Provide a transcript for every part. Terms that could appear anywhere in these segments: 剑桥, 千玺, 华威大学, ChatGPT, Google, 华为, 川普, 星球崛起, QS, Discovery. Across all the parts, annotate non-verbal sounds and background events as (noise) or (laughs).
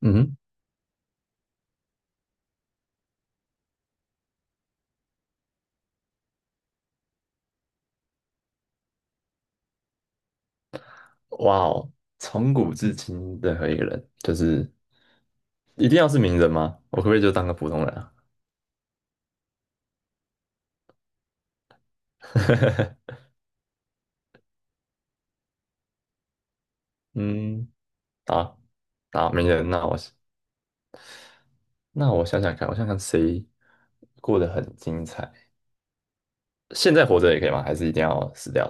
嗯哼。哇哦，从古至今任何一个人，就是一定要是名人吗？我可不可以就当个普通人啊？(laughs) 嗯，好，好，名人，那我想想看，我想想谁过得很精彩，现在活着也可以吗？还是一定要死掉？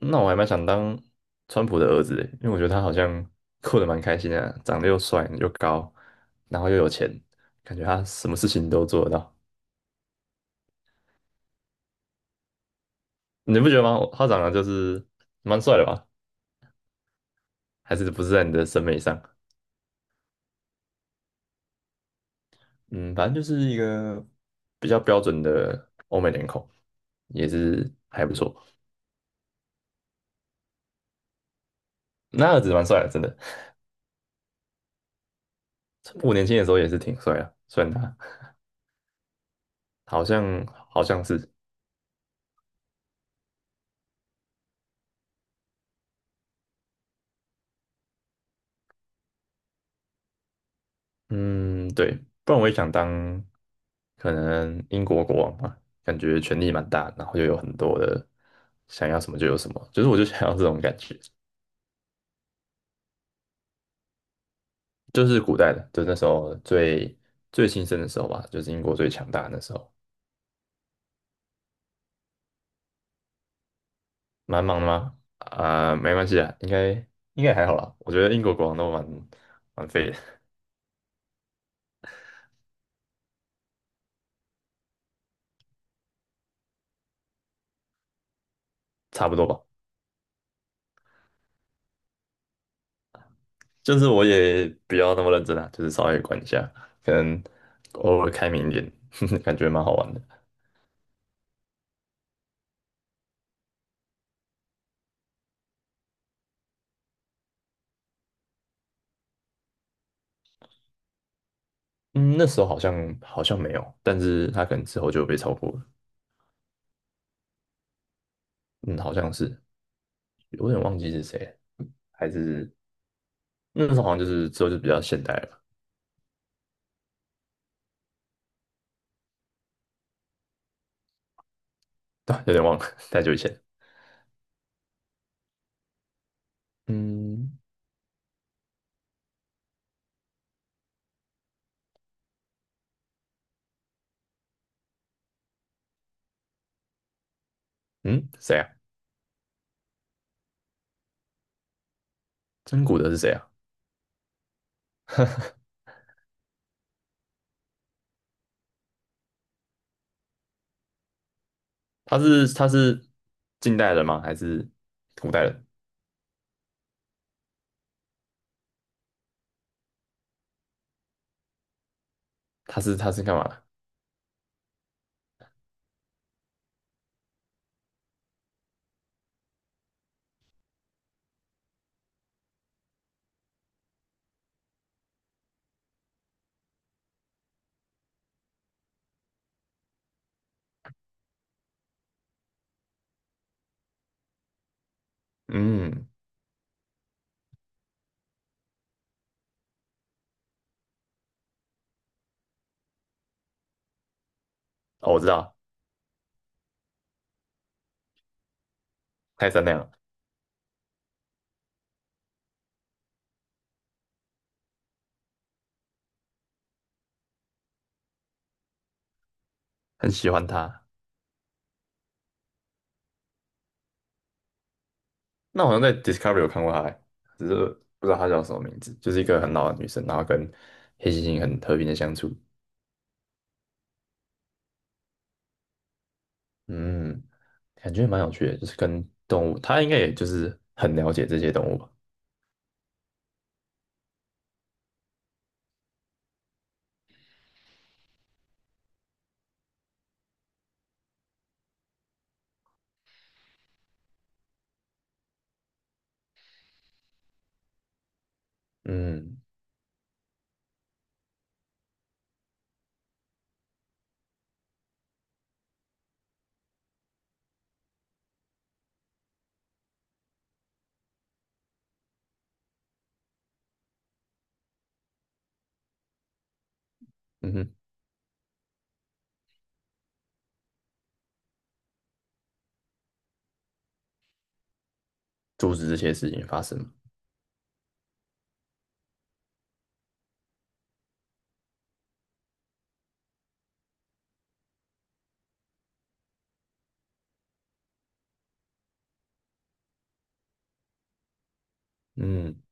那我还蛮想当川普的儿子的，因为我觉得他好像过得蛮开心的，长得又帅又高，然后又有钱，感觉他什么事情都做得到。你不觉得吗？他长得就是蛮帅的吧？还是不是在你的审美上？嗯，反正就是一个比较标准的欧美脸孔，也是还不错。那儿子蛮帅的，真的。我年轻的时候也是挺帅的，虽然他好像好像是，嗯，对，不然我也想当可能英国国王吧，感觉权力蛮大，然后又有很多的想要什么就有什么，就是我就想要这种感觉。就是古代的，就是那时候最最兴盛的时候吧，就是英国最强大的那时候。蛮忙的吗？啊、没关系啊，应该还好啦。我觉得英国国王都蛮废的，(laughs) 差不多吧。就是我也比较那么认真啊，就是稍微管一下，可能偶尔开明一点，(laughs) 感觉蛮好玩的。嗯，那时候好像没有，但是他可能之后就被超过了。嗯，好像是，有点忘记是谁了，还是那时候好像就是之后就比较现代了吧。 (laughs) 对，有点忘了，(laughs) 太久以前。嗯嗯，谁啊？真古德是谁啊？他是近代人吗？还是古代人？他是干嘛的？嗯，哦，我知道，泰山那样，很喜欢他。那我好像在 Discovery 有看过他欸，只是不知道他叫什么名字，就是一个很老的女生，然后跟黑猩猩很和平的相处。嗯，感觉蛮有趣的，就是跟动物，他应该也就是很了解这些动物吧。嗯。嗯哼。阻止这些事情发生嘛。嗯，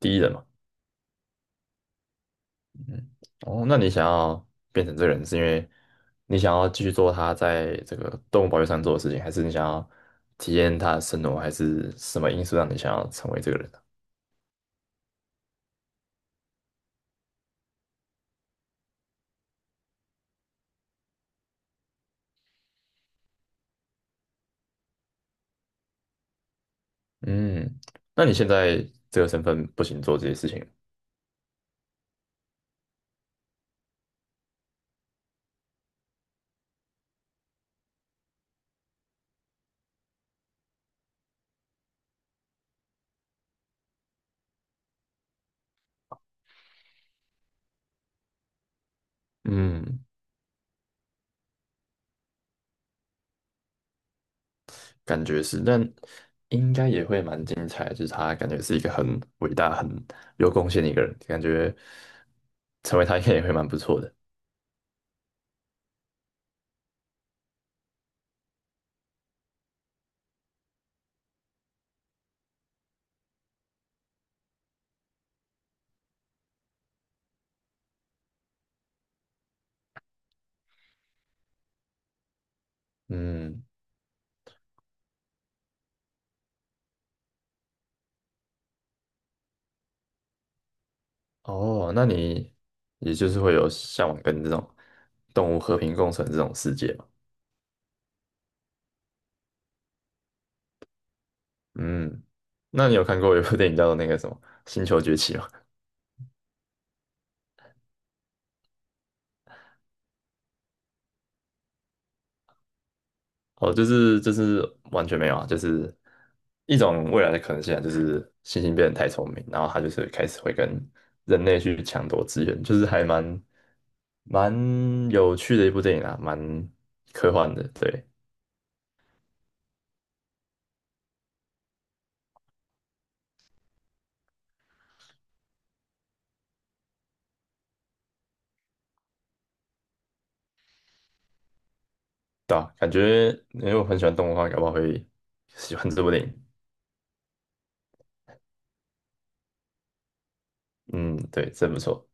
第一人嘛。嗯，哦，那你想要变成这个人，是因为你想要继续做他在这个动物保育上做的事情，还是你想要体验他的生活，还是什么因素让你想要成为这个人呢？嗯，那你现在这个身份不行做这些事情。嗯，感觉是，但应该也会蛮精彩的，就是他感觉是一个很伟大、很有贡献的一个人，感觉成为他应该也会蛮不错的。嗯，哦，那你也就是会有向往跟这种动物和平共存这种世界嘛？嗯，那你有看过有部电影叫做那个什么《星球崛起》吗？哦，就是完全没有啊，就是一种未来的可能性啊，就是猩猩变得太聪明，然后它就是开始会跟人类去抢夺资源，就是还蛮有趣的一部电影啊，蛮科幻的，对。对啊，感觉因为我很喜欢动物的话，搞不好会喜欢这部电影。嗯，对，真不错，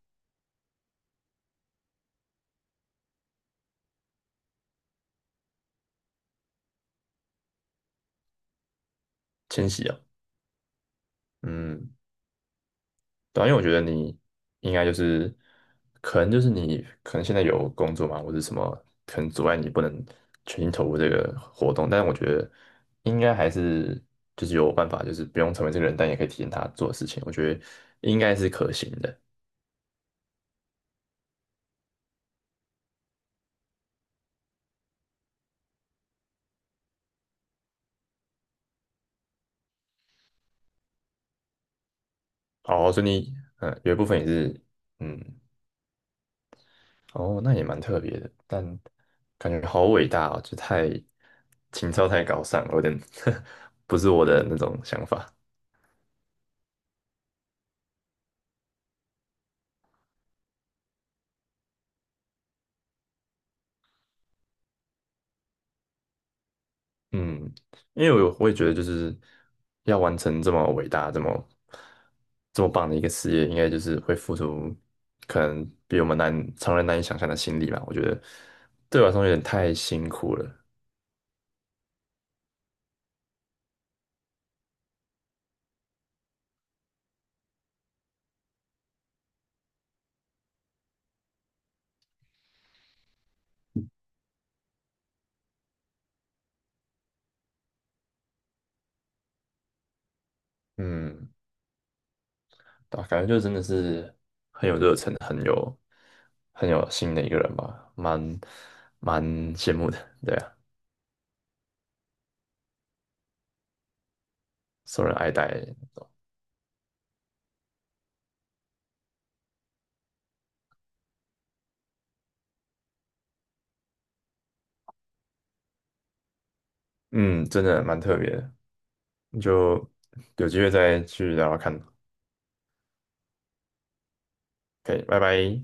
千玺啊。嗯，对啊，因为我觉得你应该就是，可能就是你可能现在有工作嘛，或者什么，可能阻碍你不能全心投入这个活动，但是我觉得应该还是就是有办法，就是不用成为这个人，但也可以体验他做的事情，我觉得应该是可行的。哦，所以你，嗯，有一部分也是。嗯，哦，那也蛮特别的，但感觉好伟大哦，就太情操太高尚了，有点 (laughs) 不是我的那种想法。嗯，因为我也觉得就是要完成这么伟大、这么棒的一个事业，应该就是会付出可能比我们难常人难以想象的心力吧。我觉得对我来说有点太辛苦了。嗯，对吧？感觉就真的是很有热忱，很有心的一个人吧，蛮羡慕的，对啊，受人爱戴。嗯，真的蛮特别的，你就有机会再去聊聊看，OK,拜拜。